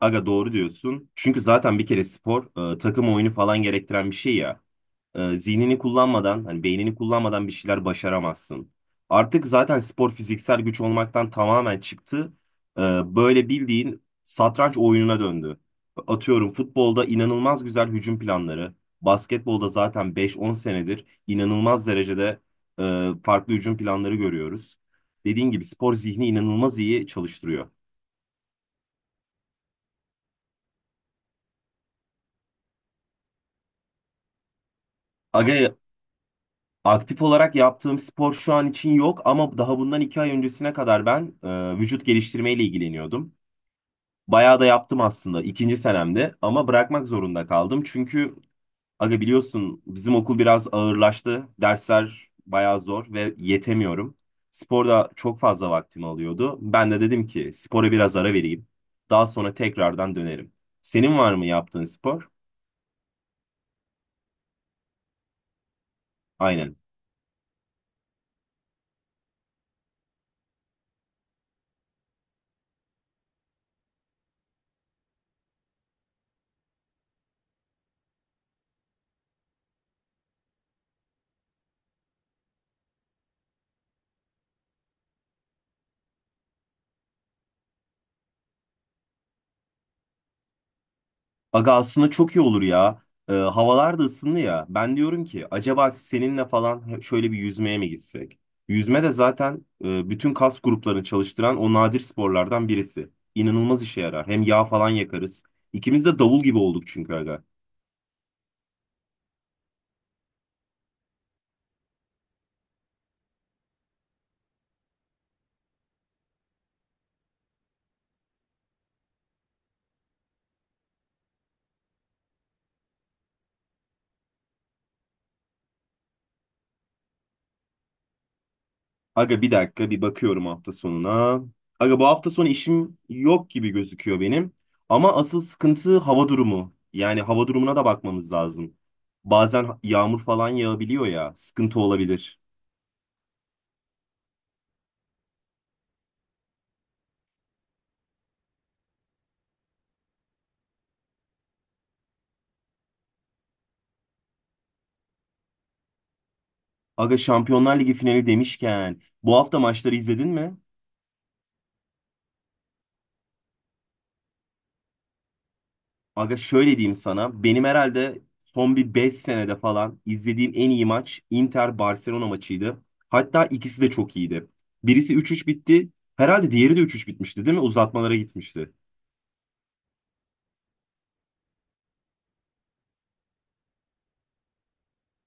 Aga doğru diyorsun. Çünkü zaten bir kere spor takım oyunu falan gerektiren bir şey ya. Zihnini kullanmadan, hani beynini kullanmadan bir şeyler başaramazsın. Artık zaten spor fiziksel güç olmaktan tamamen çıktı. E, Böyle bildiğin satranç oyununa döndü. Atıyorum futbolda inanılmaz güzel hücum planları, basketbolda zaten 5-10 senedir inanılmaz derecede farklı hücum planları görüyoruz. Dediğin gibi spor zihni inanılmaz iyi çalıştırıyor. Aga aktif olarak yaptığım spor şu an için yok ama daha bundan 2 ay öncesine kadar ben vücut geliştirmeyle ilgileniyordum. Bayağı da yaptım aslında ikinci senemde ama bırakmak zorunda kaldım. Çünkü aga biliyorsun bizim okul biraz ağırlaştı. Dersler bayağı zor ve yetemiyorum. Sporda çok fazla vaktimi alıyordu. Ben de dedim ki spora biraz ara vereyim. Daha sonra tekrardan dönerim. Senin var mı yaptığın spor? Aynen. Aga aslında çok iyi olur ya. Havalar da ısındı ya. Ben diyorum ki acaba seninle falan şöyle bir yüzmeye mi gitsek? Yüzme de zaten bütün kas gruplarını çalıştıran o nadir sporlardan birisi. İnanılmaz işe yarar. Hem yağ falan yakarız. İkimiz de davul gibi olduk çünkü aga. Aga bir dakika bir bakıyorum hafta sonuna. Aga bu hafta sonu işim yok gibi gözüküyor benim. Ama asıl sıkıntı hava durumu. Yani hava durumuna da bakmamız lazım. Bazen yağmur falan yağabiliyor ya. Sıkıntı olabilir. Aga Şampiyonlar Ligi finali demişken bu hafta maçları izledin mi? Aga şöyle diyeyim sana. Benim herhalde son bir 5 senede falan izlediğim en iyi maç Inter-Barcelona maçıydı. Hatta ikisi de çok iyiydi. Birisi 3-3 bitti. Herhalde diğeri de 3-3 bitmişti değil mi? Uzatmalara gitmişti.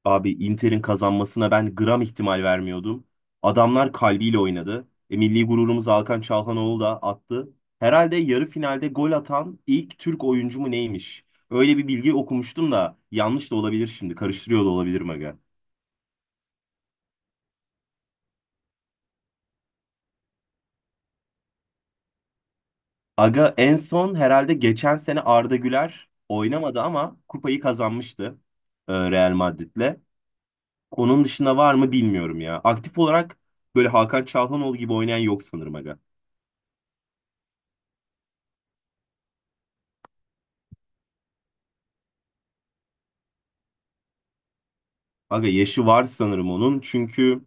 Abi Inter'in kazanmasına ben gram ihtimal vermiyordum. Adamlar kalbiyle oynadı. Milli gururumuz Hakan Çalhanoğlu da attı. Herhalde yarı finalde gol atan ilk Türk oyuncu mu neymiş? Öyle bir bilgi okumuştum da yanlış da olabilir şimdi. Karıştırıyor da olabilirim aga. Aga en son herhalde geçen sene Arda Güler oynamadı ama kupayı kazanmıştı Real Madrid'le. Onun dışında var mı bilmiyorum ya. Aktif olarak böyle Hakan Çalhanoğlu gibi oynayan yok sanırım aga. Aga yaşı var sanırım onun. Çünkü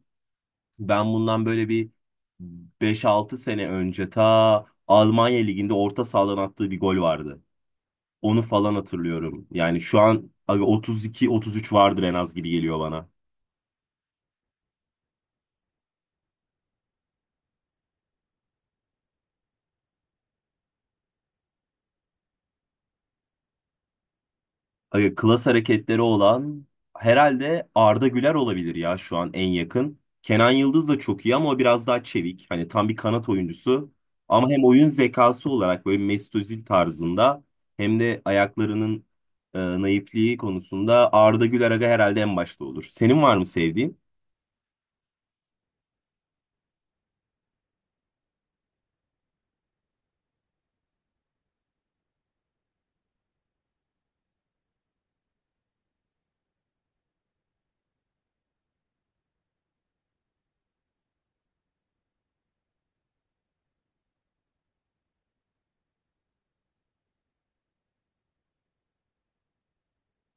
ben bundan böyle bir 5-6 sene önce ta Almanya Ligi'nde orta sahadan attığı bir gol vardı. Onu falan hatırlıyorum. Yani şu an aga 32-33 vardır en az gibi geliyor bana. Klas hareketleri olan herhalde Arda Güler olabilir ya şu an en yakın. Kenan Yıldız da çok iyi ama o biraz daha çevik. Hani tam bir kanat oyuncusu. Ama hem oyun zekası olarak böyle Mesut Özil tarzında hem de ayaklarının naifliği konusunda Arda Güler aga herhalde en başta olur. Senin var mı sevdiğin?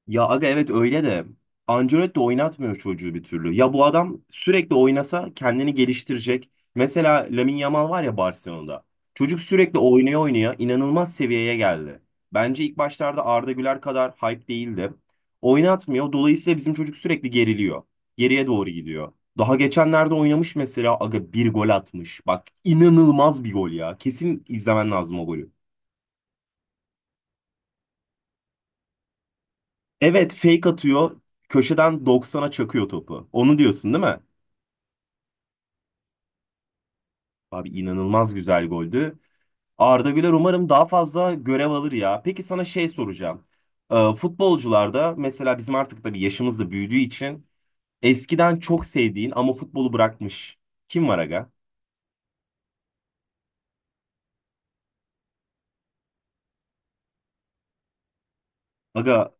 Ya aga evet öyle de Ancelotti oynatmıyor çocuğu bir türlü. Ya bu adam sürekli oynasa kendini geliştirecek. Mesela Lamine Yamal var ya Barcelona'da. Çocuk sürekli oynaya oynaya inanılmaz seviyeye geldi. Bence ilk başlarda Arda Güler kadar hype değildi. Oynatmıyor. Dolayısıyla bizim çocuk sürekli geriliyor. Geriye doğru gidiyor. Daha geçenlerde oynamış mesela aga bir gol atmış. Bak inanılmaz bir gol ya. Kesin izlemen lazım o golü. Evet fake atıyor. Köşeden 90'a çakıyor topu. Onu diyorsun değil mi? Abi inanılmaz güzel goldü. Arda Güler umarım daha fazla görev alır ya. Peki sana şey soracağım. Futbolcularda mesela bizim artık tabii yaşımız da büyüdüğü için eskiden çok sevdiğin ama futbolu bırakmış. Kim var aga? Aga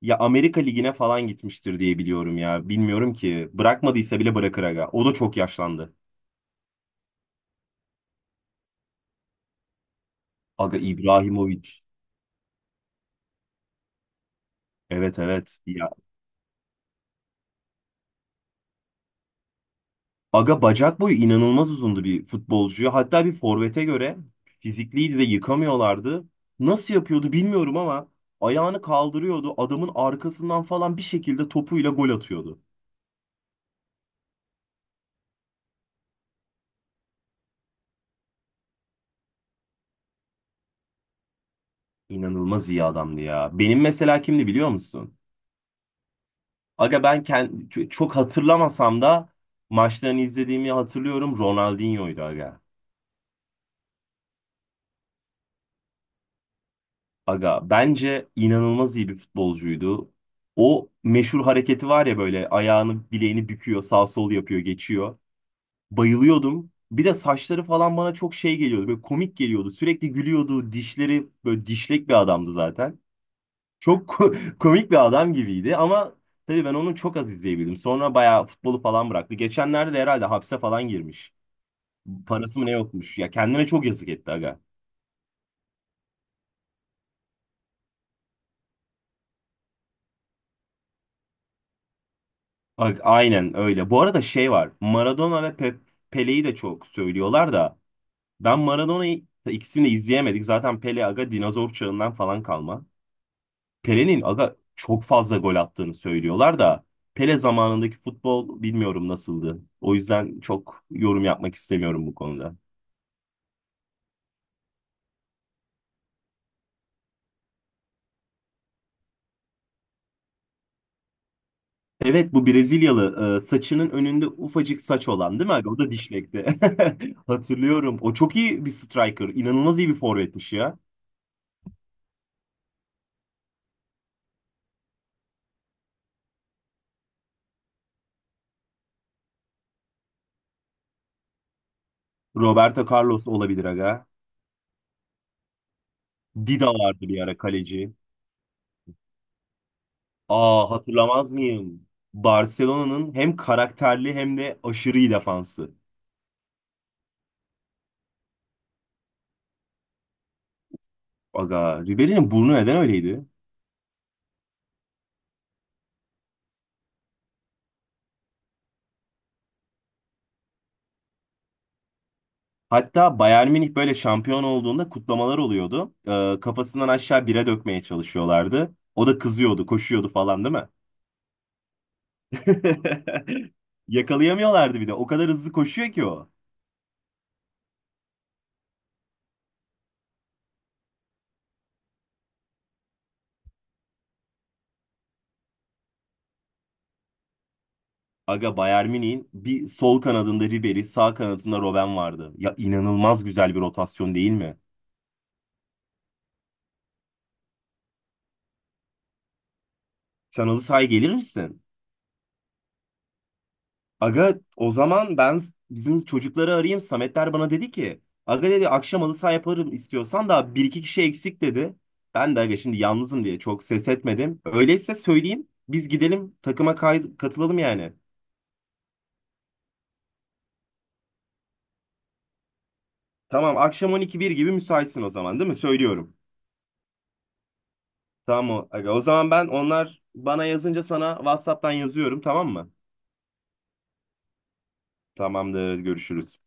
ya Amerika Ligi'ne falan gitmiştir diye biliyorum ya. Bilmiyorum ki. Bırakmadıysa bile bırakır aga. O da çok yaşlandı. Aga İbrahimovic. Evet, evet. Aga bacak boyu inanılmaz uzundu bir futbolcuya. Hatta bir forvete göre fizikliydi de yıkamıyorlardı. Nasıl yapıyordu bilmiyorum ama ayağını kaldırıyordu. Adamın arkasından falan bir şekilde topuyla gol atıyordu. İnanılmaz iyi adamdı ya. Benim mesela kimdi biliyor musun? Aga ben çok hatırlamasam da maçlarını izlediğimi hatırlıyorum. Ronaldinho'ydu aga. Aga bence inanılmaz iyi bir futbolcuydu. O meşhur hareketi var ya böyle ayağını bileğini büküyor, sağ sol yapıyor, geçiyor. Bayılıyordum. Bir de saçları falan bana çok şey geliyordu. Böyle komik geliyordu. Sürekli gülüyordu. Dişleri böyle dişlek bir adamdı zaten. Çok komik bir adam gibiydi ama tabii ben onu çok az izleyebildim. Sonra bayağı futbolu falan bıraktı. Geçenlerde de herhalde hapse falan girmiş. Parası mı ne yokmuş. Ya kendine çok yazık etti aga. Bak aynen öyle. Bu arada şey var. Maradona ve Pele'yi de çok söylüyorlar da ben Maradona'yı ikisini de izleyemedik. Zaten Pele aga dinozor çağından falan kalma. Pele'nin aga çok fazla gol attığını söylüyorlar da Pele zamanındaki futbol bilmiyorum nasıldı. O yüzden çok yorum yapmak istemiyorum bu konuda. Evet bu Brezilyalı saçının önünde ufacık saç olan değil mi abi? O da dişlekti. Hatırlıyorum. O çok iyi bir striker. İnanılmaz iyi bir forvetmiş ya. Roberto Carlos olabilir aga. Dida vardı bir ara kaleci. Aa hatırlamaz mıyım? Barcelona'nın hem karakterli hem de aşırı iyi defansı. Aga Ribery'nin burnu neden öyleydi? Hatta Bayern Münih böyle şampiyon olduğunda kutlamalar oluyordu. Kafasından aşağı bire dökmeye çalışıyorlardı. O da kızıyordu, koşuyordu falan değil mi? Yakalayamıyorlardı bir de. O kadar hızlı koşuyor ki o. Aga Bayern Münih'in bir sol kanadında Ribery, sağ kanadında Robben vardı. Ya inanılmaz güzel bir rotasyon değil mi? Sen halı sahaya gelir misin? Aga o zaman ben bizim çocukları arayayım. Sametler bana dedi ki aga dedi akşam halı saha yaparım istiyorsan da bir iki kişi eksik dedi. Ben de aga şimdi yalnızım diye çok ses etmedim. Öyleyse söyleyeyim biz gidelim takıma katılalım yani. Tamam akşam 12-1 gibi müsaitsin o zaman değil mi? Söylüyorum. Tamam aga o zaman ben onlar bana yazınca sana WhatsApp'tan yazıyorum tamam mı? Tamamdır görüşürüz.